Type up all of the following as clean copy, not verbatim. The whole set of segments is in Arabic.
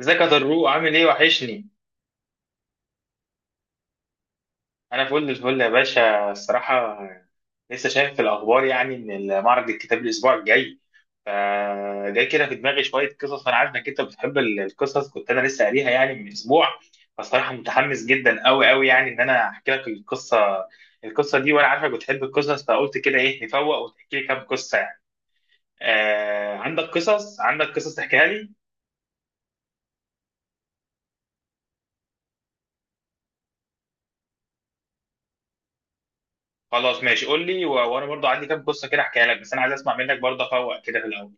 ازيك يا ضروق، عامل ايه؟ وحشني. انا فل الفل يا باشا، الصراحه. لسه شايف في الاخبار يعني ان معرض الكتاب الاسبوع الجاي. فجاي كده في دماغي شويه قصص. انا عارف انك انت بتحب القصص، كنت انا لسه قاريها يعني من اسبوع. فالصراحه متحمس جدا قوي قوي، يعني ان انا احكي لك القصه. القصه دي وانا عارفك بتحب القصص، فقلت كده ايه نفوق وتحكي لي كام قصه يعني. آه، عندك قصص؟ تحكيها لي؟ خلاص ماشي، قول لي، وانا برضو عندي كام قصه كده احكيها لك، بس انا عايز اسمع منك برضه افوق كده في الاول.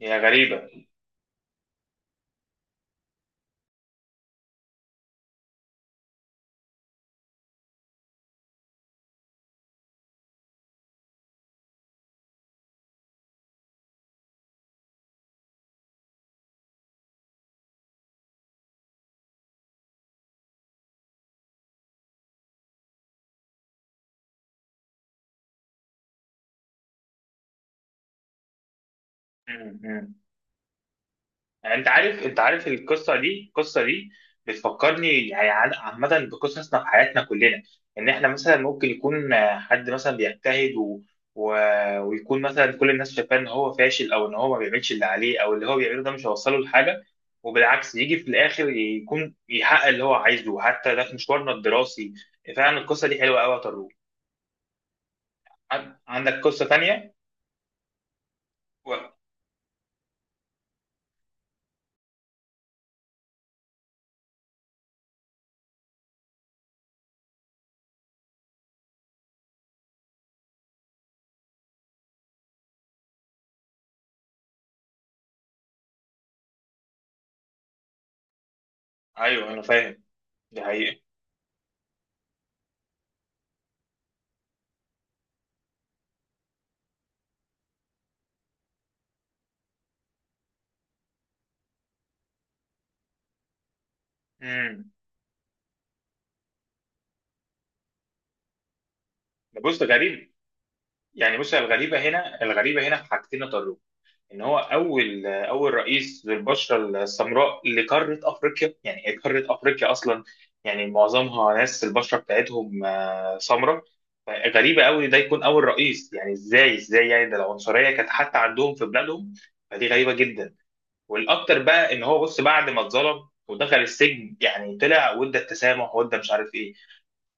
هي غريبة. مم. مم. يعني انت عارف القصة دي بتفكرني، يعني عامة بقصصنا في حياتنا كلنا. ان احنا مثلا ممكن يكون حد مثلا بيجتهد و... ويكون مثلا كل الناس شايفاه ان هو فاشل او ان هو ما بيعملش اللي عليه، او اللي هو بيعمله ده مش هيوصله لحاجة. وبالعكس يجي في الاخر يكون يحقق اللي هو عايزه، حتى ده في مشوارنا الدراسي. فعلا القصة دي حلوة قوي يا طارق. عندك قصة تانية؟ و... ايوه انا فاهم، دي حقيقة. مم. ده بص غريب. يعني بص، الغريبة هنا في حاجتين يا طارق. إن هو أول رئيس للبشرة السمراء لقارة أفريقيا، يعني هي قارة أفريقيا أصلا يعني معظمها ناس البشرة بتاعتهم سمراء. فغريبة أوي ده يكون أول رئيس، يعني إزاي يعني ده العنصرية كانت حتى عندهم في بلادهم. فدي غريبة جدا. والأكتر بقى إن هو بص بعد ما اتظلم ودخل السجن، يعني طلع وادى التسامح وادى مش عارف إيه.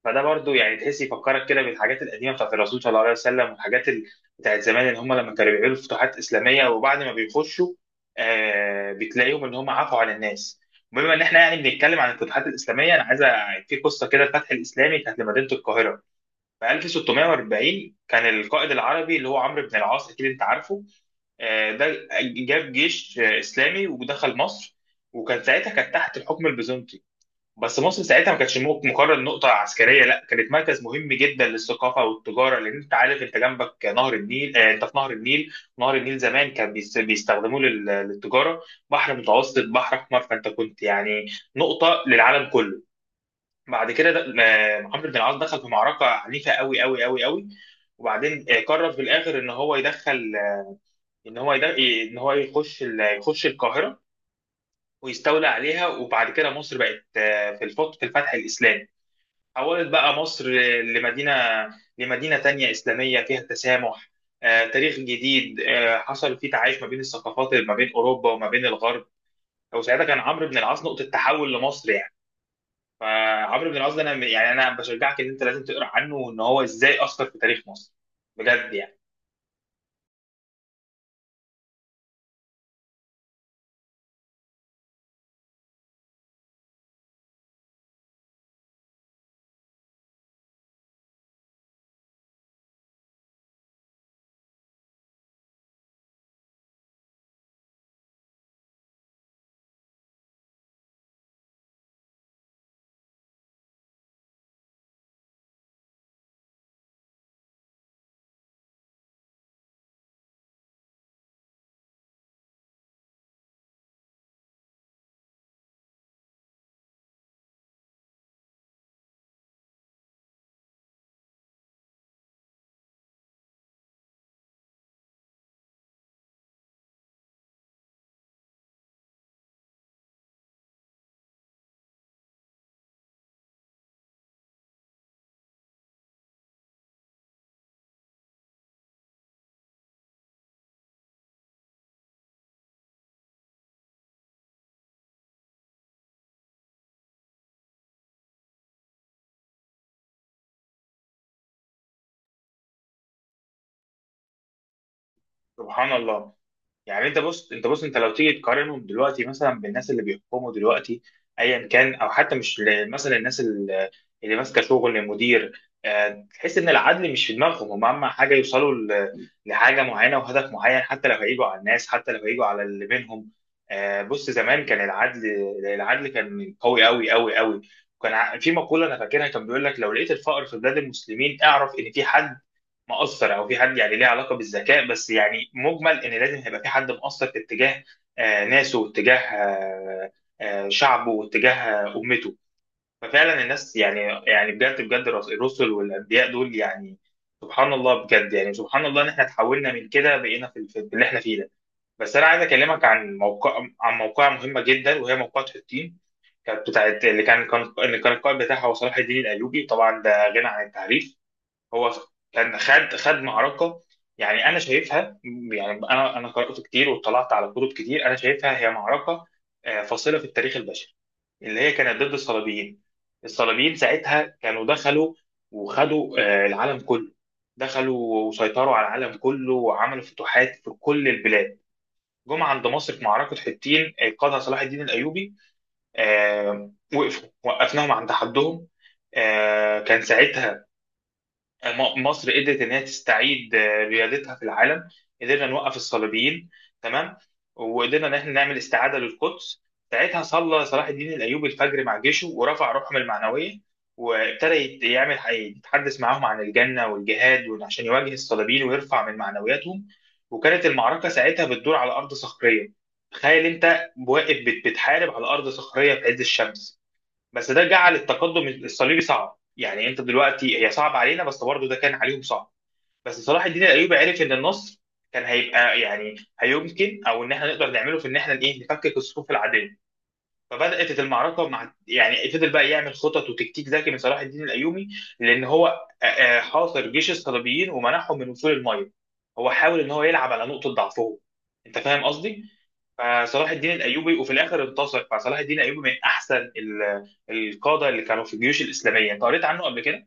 فده برضو يعني تحس يفكرك كده بالحاجات القديمه بتاعت الرسول صلى الله عليه وسلم، والحاجات بتاعت زمان ان هم لما كانوا بيعملوا فتوحات اسلاميه وبعد ما بيخشوا بتلاقيهم ان هم عفوا عن الناس. بما ان احنا يعني بنتكلم عن الفتوحات الاسلاميه، انا عايز في قصه كده. الفتح الاسلامي كانت لمدينه القاهره في 1640. كان القائد العربي اللي هو عمرو بن العاص، اكيد انت عارفه. آه، ده جاب جيش اسلامي ودخل مصر. وكان ساعتها كانت تحت الحكم البيزنطي. بس مصر ساعتها ما كانتش مجرد نقطة عسكرية، لا كانت مركز مهم جدا للثقافة والتجارة، لأن أنت عارف أنت جنبك نهر النيل. أنت في نهر النيل. نهر النيل زمان كان بيستخدموه للتجارة. بحر متوسط، بحر أحمر، فأنت كنت يعني نقطة للعالم كله. بعد كده محمد بن العاص دخل في معركة عنيفة قوي قوي قوي قوي. وبعدين قرر في الآخر إن هو يدخل. إن هو يدخل إن هو يخش يخش القاهرة ويستولى عليها. وبعد كده مصر بقت في في الفتح الإسلامي. حولت بقى مصر لمدينة لمدينة تانية إسلامية فيها تسامح، تاريخ جديد حصل فيه تعايش ما بين الثقافات، ما بين أوروبا وما بين الغرب. وساعتها كان عمرو بن العاص نقطة تحول لمصر يعني. فعمرو بن العاص ده أنا يعني أنا بشجعك إن أنت لازم تقرأ عنه وإن هو إزاي أثر في تاريخ مصر، بجد يعني. سبحان الله. يعني انت بص، انت لو تيجي تقارنهم دلوقتي مثلا بالناس اللي بيحكموا دلوقتي، ايا كان، او حتى مش مثلا الناس اللي اللي ماسكه شغل مدير، تحس ان العدل مش في دماغهم، هم اهم حاجه يوصلوا لحاجه معينه وهدف معين حتى لو هيجوا على الناس، حتى لو هيجوا على اللي بينهم. بص زمان كان العدل العدل كان قوي قوي قوي قوي. كان في مقوله انا فاكرها، كان بيقول لك لو لقيت الفقر في بلاد المسلمين اعرف ان في حد مؤثر، او في حد يعني ليه علاقه بالذكاء، بس يعني مجمل ان لازم هيبقى في حد مؤثر في اتجاه ناسه، واتجاه شعبه، واتجاه امته. ففعلا الناس يعني. يعني بجد بجد الرسل والانبياء دول، يعني سبحان الله. بجد يعني سبحان الله ان احنا تحولنا من كده بقينا في اللي احنا فيه ده. بس انا عايز اكلمك عن موقعة مهمه جدا، وهي موقعة حطين. كانت بتاعت اللي كان القائد بتاعها هو صلاح الدين الايوبي، طبعا ده غنى عن التعريف. هو كان خد معركه، يعني انا شايفها. يعني انا قرات كتير واطلعت على كتب كتير، انا شايفها هي معركه فاصله في التاريخ البشري، اللي هي كانت ضد الصليبيين. الصليبيين ساعتها كانوا دخلوا وخدوا العالم كله، دخلوا وسيطروا على العالم كله وعملوا فتوحات في كل البلاد. جم عند مصر في معركة حطين قادها صلاح الدين الأيوبي. آه، وقفوا وقفناهم عند حدهم. كان ساعتها مصر قدرت ان هي تستعيد ريادتها في العالم. قدرنا نوقف الصليبيين، تمام، وقدرنا ان احنا نعمل استعاده للقدس. ساعتها صلى صلاح الدين الايوبي الفجر مع جيشه ورفع روحهم المعنويه، وابتدى يعمل يتحدث معاهم عن الجنه والجهاد، وإن عشان يواجه الصليبيين ويرفع من معنوياتهم. وكانت المعركه ساعتها بتدور على ارض صخريه. تخيل انت واقف بتحارب على ارض صخريه في عز الشمس. بس ده جعل التقدم الصليبي صعب، يعني انت دلوقتي هي صعب علينا بس برضه ده كان عليهم صعب. بس صلاح الدين الايوبي عرف ان النصر كان هيبقى يعني هيمكن، او ان احنا نقدر نعمله في ان احنا ايه نفكك الصفوف العاديه. فبدات المعركه مع، يعني، فضل بقى يعمل خطط وتكتيك ذكي من صلاح الدين الايوبي، لان هو حاصر جيش الصليبيين ومنعهم من وصول الميه. هو حاول ان هو يلعب على نقطه ضعفهم، انت فاهم قصدي؟ فصلاح الدين الايوبي وفي الاخر انتصر. فصلاح الدين الايوبي من احسن القاده اللي كانوا في الجيوش الاسلاميه. انت قريت عنه قبل كده؟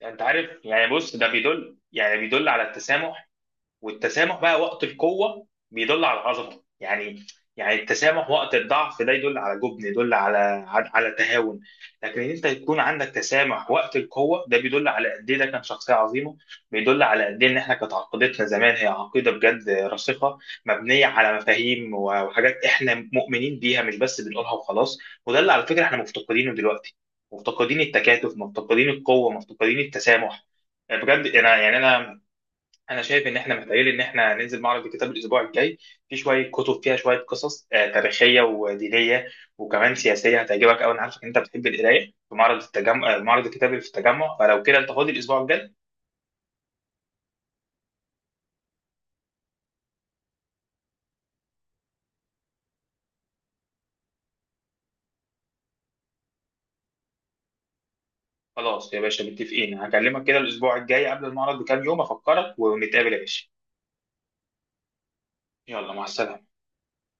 يعني انت عارف، يعني بص ده بيدل يعني بيدل على التسامح، والتسامح بقى وقت القوة بيدل على العظمة يعني. يعني التسامح وقت الضعف ده يدل على جبن، يدل على، على تهاون. لكن ان انت يكون عندك تسامح وقت القوة ده بيدل على قد ايه ده كان شخصية عظيمة، بيدل على قد ايه ان احنا كانت عقيدتنا زمان هي عقيدة بجد راسخة، مبنية على مفاهيم وحاجات احنا مؤمنين بيها مش بس بنقولها وخلاص. وده اللي على فكرة احنا مفتقدينه دلوقتي. مفتقدين التكاتف، مفتقدين القوة، مفتقدين التسامح. بجد انا يعني انا شايف ان احنا محتاجين ان احنا ننزل معرض الكتاب الاسبوع الجاي. في شويه كتب فيها شويه قصص تاريخيه ودينيه وكمان سياسيه هتعجبك قوي. انا عارفك ان انت بتحب القرايه في معرض التجمع، معرض الكتاب اللي في التجمع، فلو كده انت فاضي الاسبوع الجاي. خلاص يا باشا، متفقين، هكلمك كده الاسبوع الجاي قبل المعرض بكام يوم افكرك ونتقابل يا باشا. يلا، مع السلامه.